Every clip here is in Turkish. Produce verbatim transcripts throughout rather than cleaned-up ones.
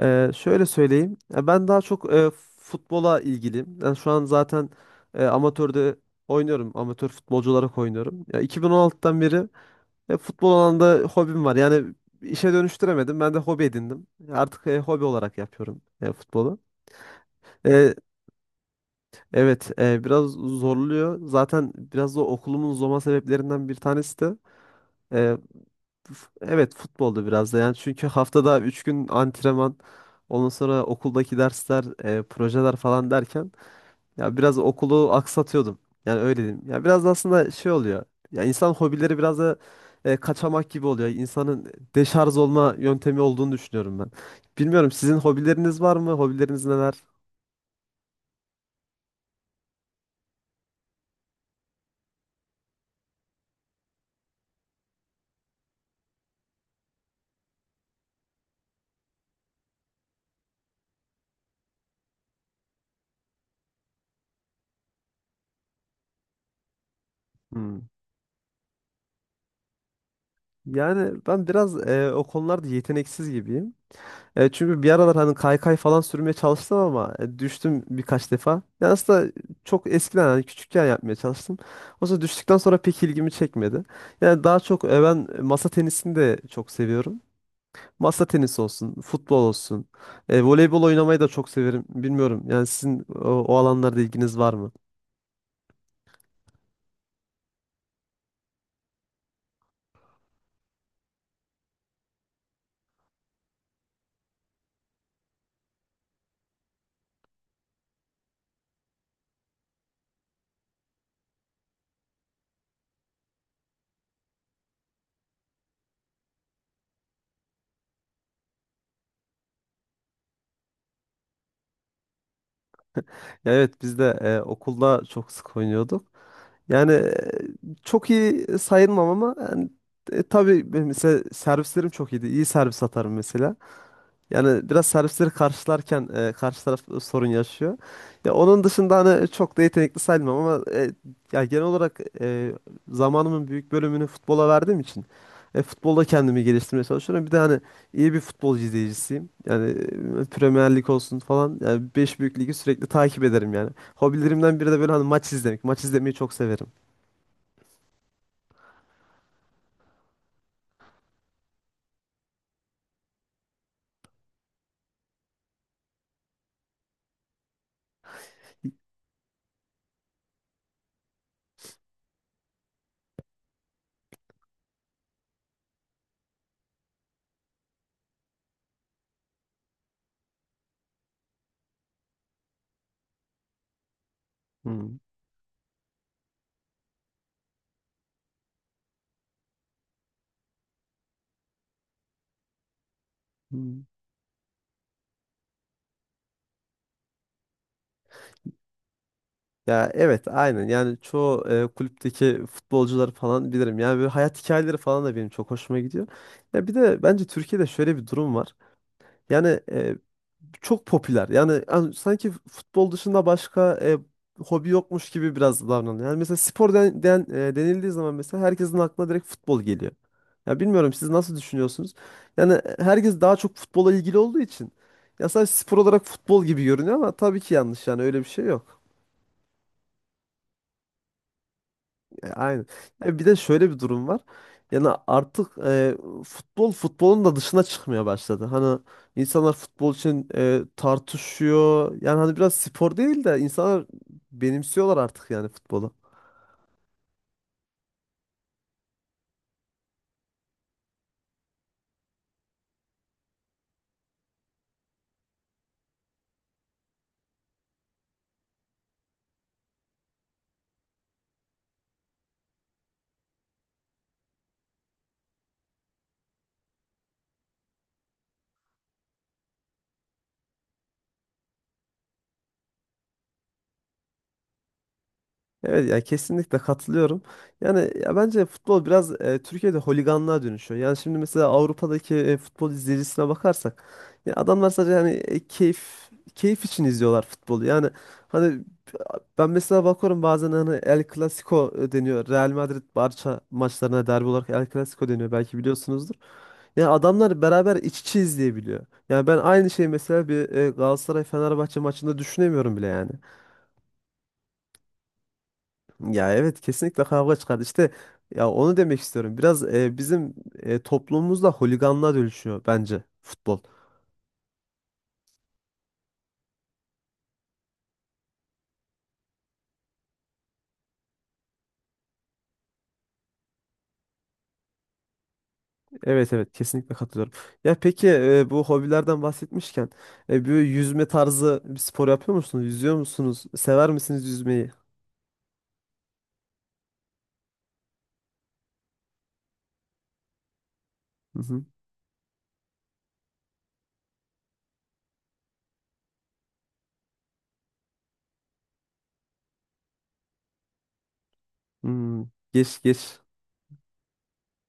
Ee, şöyle söyleyeyim. Ya ben daha çok e, futbola ilgiliyim. Ben şu an zaten e, amatörde oynuyorum. Amatör futbolcu olarak oynuyorum. Ya iki bin on altıdan beri e, futbol alanında hobim var. Yani işe dönüştüremedim. Ben de hobi edindim. Artık e, hobi olarak yapıyorum e, futbolu. E, evet, e, biraz zorluyor. Zaten biraz da okulumun zorlama sebeplerinden bir tanesi de. Evet, futbolda biraz da yani çünkü haftada üç gün antrenman, ondan sonra okuldaki dersler, e, projeler falan derken ya biraz okulu aksatıyordum. Yani öyle diyeyim. Ya biraz da aslında şey oluyor. Ya insan hobileri biraz da e, kaçamak gibi oluyor. İnsanın deşarj olma yöntemi olduğunu düşünüyorum ben. Bilmiyorum, sizin hobileriniz var mı? Hobileriniz neler? Hmm. Yani ben biraz e, o konularda yeteneksiz gibiyim. E, çünkü bir aralar hani kaykay falan sürmeye çalıştım ama e, düştüm birkaç defa. Yani aslında çok eskiden hani küçükken yapmaya çalıştım. Oysa düştükten sonra pek ilgimi çekmedi. Yani daha çok e, ben masa tenisini de çok seviyorum. Masa tenisi olsun, futbol olsun. E, voleybol oynamayı da çok severim. Bilmiyorum yani sizin o, o alanlarda ilginiz var mı? Ya evet, biz de e, okulda çok sık oynuyorduk. Yani e, çok iyi sayılmam ama yani, e, tabii benim mesela servislerim çok iyiydi. İyi servis atarım mesela. Yani biraz servisleri karşılarken e, karşı taraf sorun yaşıyor. Ya onun dışında hani çok da yetenekli sayılmam ama e, ya genel olarak e, zamanımın büyük bölümünü futbola verdiğim için e, futbolda kendimi geliştirmeye çalışıyorum. Bir de hani iyi bir futbol izleyicisiyim. Yani e, Premier Lig olsun falan. Yani beş büyük ligi sürekli takip ederim yani. Hobilerimden biri de böyle hani maç izlemek. Maç izlemeyi çok severim. Hmm. Ya evet, aynen yani çoğu e, kulüpteki futbolcuları falan bilirim. Yani böyle hayat hikayeleri falan da benim çok hoşuma gidiyor. Ya bir de bence Türkiye'de şöyle bir durum var. Yani e, çok popüler. Yani, an- sanki futbol dışında başka e, hobi yokmuş gibi biraz davranıyor. Yani mesela spor den, den- e, denildiği zaman mesela herkesin aklına direkt futbol geliyor. Ya bilmiyorum, siz nasıl düşünüyorsunuz? Yani e, herkes daha çok futbola ilgili olduğu için ya sadece spor olarak futbol gibi görünüyor ama tabii ki yanlış, yani öyle bir şey yok. E, Aynen. Ya bir de şöyle bir durum var. Yani artık e, futbol futbolun da dışına çıkmaya başladı. Hani insanlar futbol için e, tartışıyor. Yani hani biraz spor değil de insanlar benimsiyorlar artık yani futbolu. Evet ya, kesinlikle katılıyorum. Yani ya bence futbol biraz e, Türkiye'de holiganlığa dönüşüyor. Yani şimdi mesela Avrupa'daki e, futbol izleyicisine bakarsak ya adamlar sadece hani e, keyif keyif için izliyorlar futbolu. Yani hani ben mesela bakıyorum bazen hani El Clasico e, deniyor. Real Madrid Barça maçlarına derbi olarak El Clasico deniyor, belki biliyorsunuzdur. Yani adamlar beraber iç içe izleyebiliyor. Yani ben aynı şeyi mesela bir e, Galatasaray Fenerbahçe maçında düşünemiyorum bile yani. Ya evet, kesinlikle kavga çıkar. İşte ya onu demek istiyorum. Biraz e, bizim e, toplumumuzda holiganlığa dönüşüyor bence futbol. Evet evet, kesinlikle katılıyorum. Ya peki e, bu hobilerden bahsetmişken e, bir yüzme tarzı bir spor yapıyor musunuz? Yüzüyor musunuz? Sever misiniz yüzmeyi? Hı hı. Hmm. Geç geç.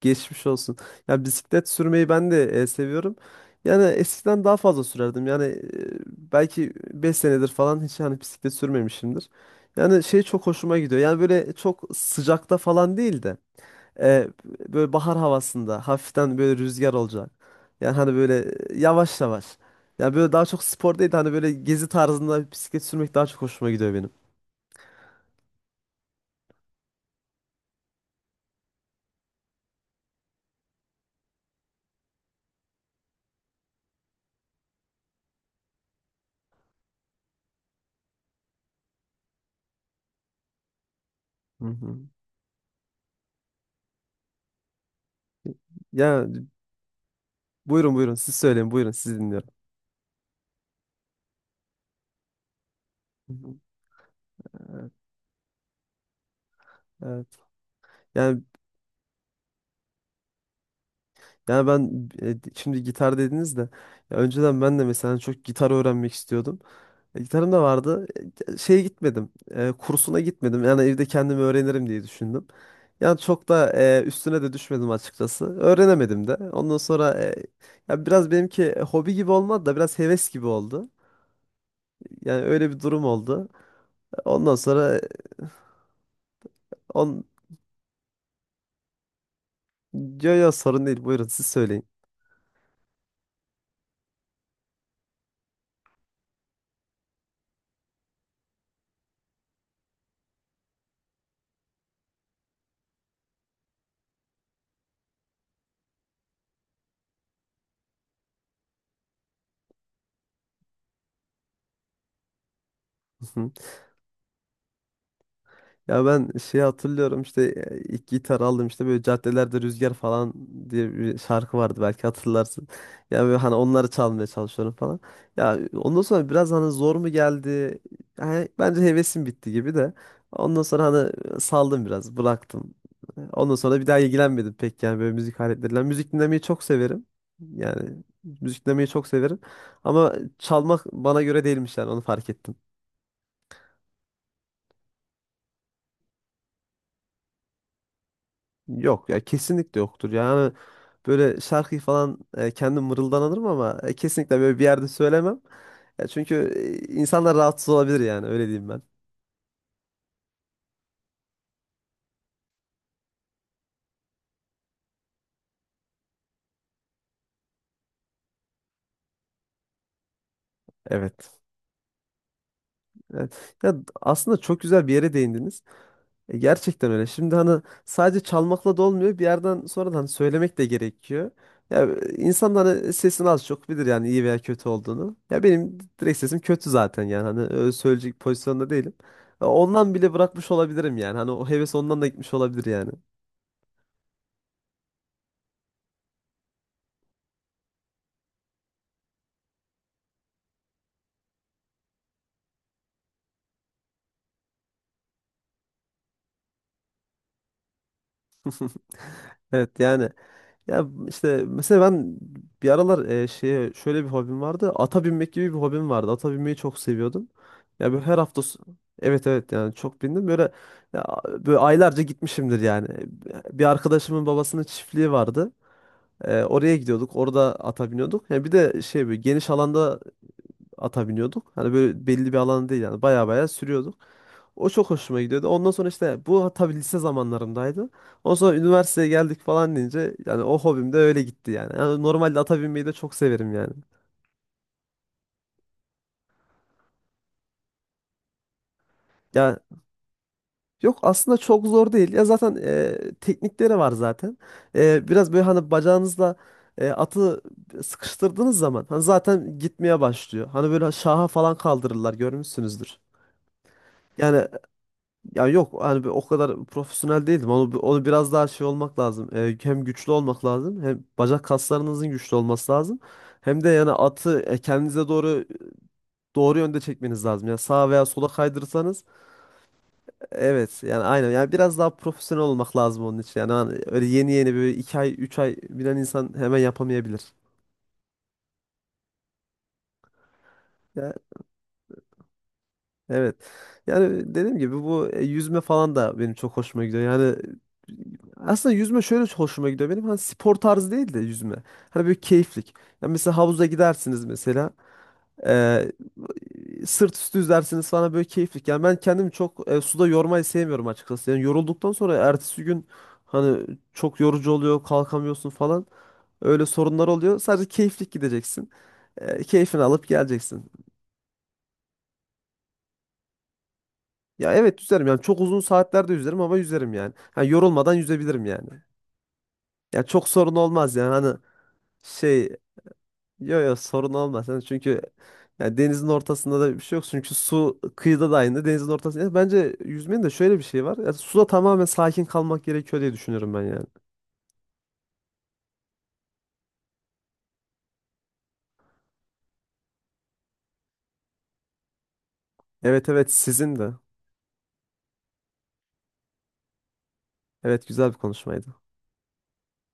Geçmiş olsun. Ya bisiklet sürmeyi ben de e, seviyorum. Yani eskiden daha fazla sürerdim. Yani e, belki beş senedir falan hiç hani bisiklet sürmemişimdir. Yani şey çok hoşuma gidiyor. Yani böyle çok sıcakta falan değil de e, böyle bahar havasında hafiften böyle rüzgar olacak. Yani hani böyle yavaş yavaş. Yani böyle daha çok spor değil de hani böyle gezi tarzında bisiklet sürmek daha çok hoşuma gidiyor benim. Hı hı. Ya buyurun buyurun, siz söyleyin, buyurun, sizi dinliyorum. Hı hı. Evet, evet. Yani yani ben e, şimdi gitar dediniz de ya önceden ben de mesela çok gitar öğrenmek istiyordum. E, Gitarım da vardı. E, Şeye gitmedim, e, kursuna gitmedim. Yani evde kendimi öğrenirim diye düşündüm. Yani çok da e, üstüne de düşmedim açıkçası. Öğrenemedim de. Ondan sonra e, ya biraz benimki e, hobi gibi olmadı da biraz heves gibi oldu. Yani öyle bir durum oldu. Ondan sonra e, on yo yo, sorun değil. Buyurun siz söyleyin. Ya ben şey hatırlıyorum işte e, ilk gitar aldım işte böyle caddelerde rüzgar falan diye bir şarkı vardı, belki hatırlarsın. Ya böyle hani onları çalmaya çalışıyorum falan. Ya ondan sonra biraz hani zor mu geldi? Yani bence hevesim bitti gibi de. Ondan sonra hani saldım, biraz bıraktım. Ondan sonra bir daha ilgilenmedim pek yani böyle müzik aletleriyle. Yani müzik dinlemeyi çok severim. Yani müzik dinlemeyi çok severim. Ama çalmak bana göre değilmiş, yani onu fark ettim. Yok ya, kesinlikle yoktur. Yani böyle şarkıyı falan e, kendim mırıldanırım ama e, kesinlikle böyle bir yerde söylemem. Ya çünkü e, insanlar rahatsız olabilir, yani öyle diyeyim ben. Evet. Evet. Ya aslında çok güzel bir yere değindiniz. E, Gerçekten öyle. Şimdi hani sadece çalmakla da olmuyor. Bir yerden sonra da hani söylemek de gerekiyor. Ya e, insan da hani sesini az çok bilir, yani iyi veya kötü olduğunu. Ya benim direkt sesim kötü zaten, yani hani öyle söyleyecek pozisyonda değilim. E, Ondan bile bırakmış olabilirim yani. Hani o heves ondan da gitmiş olabilir yani. Evet yani. Ya işte mesela ben bir aralar e, şeye şöyle bir hobim vardı. Ata binmek gibi bir hobim vardı. Ata binmeyi çok seviyordum. Ya böyle her hafta s- Evet evet, yani çok bindim. Böyle ya, böyle aylarca gitmişimdir yani. Bir arkadaşımın babasının çiftliği vardı. E, oraya gidiyorduk. Orada ata biniyorduk. Ya bir de şey böyle geniş alanda ata biniyorduk. Hani böyle belli bir alan değil yani. Baya baya sürüyorduk. O çok hoşuma gidiyordu. Ondan sonra işte bu tabii lise zamanlarımdaydı. Ondan sonra üniversiteye geldik falan deyince yani o hobim de öyle gitti yani. Yani normalde ata binmeyi de çok severim yani. Ya yok, aslında çok zor değil. Ya zaten e, teknikleri var zaten. E, biraz böyle hani bacağınızla e, atı sıkıştırdığınız zaman hani zaten gitmeye başlıyor. Hani böyle şaha falan kaldırırlar, görmüşsünüzdür. Yani ya yok, hani bir o kadar profesyonel değildim. Onu, onu biraz daha şey olmak lazım. Ee, hem güçlü olmak lazım. Hem bacak kaslarınızın güçlü olması lazım. Hem de yani atı e, kendinize doğru doğru yönde çekmeniz lazım. Yani sağa veya sola kaydırırsanız evet yani aynen. Yani biraz daha profesyonel olmak lazım onun için. Yani hani öyle yeni yeni böyle iki ay üç ay bilen insan hemen yapamayabilir. Evet. Yani dediğim gibi bu e, yüzme falan da benim çok hoşuma gidiyor. Yani e, aslında yüzme şöyle çok hoşuma gidiyor benim. Hani spor tarzı değil de yüzme. Hani böyle keyiflik. Yani mesela havuza gidersiniz mesela. e, Sırt üstü yüzersiniz falan, böyle keyiflik. Yani ben kendimi çok e, suda yormayı sevmiyorum açıkçası. Yani yorulduktan sonra ertesi gün hani çok yorucu oluyor, kalkamıyorsun falan. Öyle sorunlar oluyor. Sadece keyiflik gideceksin. E, keyfini alıp geleceksin. Ya evet, yüzerim yani çok uzun saatlerde yüzerim ama yüzerim yani. Ha, yorulmadan yüzebilirim yani. Ya çok sorun olmaz yani hani şey yo yo, sorun olmaz. Yani çünkü yani denizin ortasında da bir şey yok. Çünkü su kıyıda da aynı denizin ortasında. Yani bence yüzmenin de şöyle bir şey var. Yani suda tamamen sakin kalmak gerekiyor diye düşünüyorum ben yani. Evet evet, sizin de. Evet, güzel bir konuşmaydı.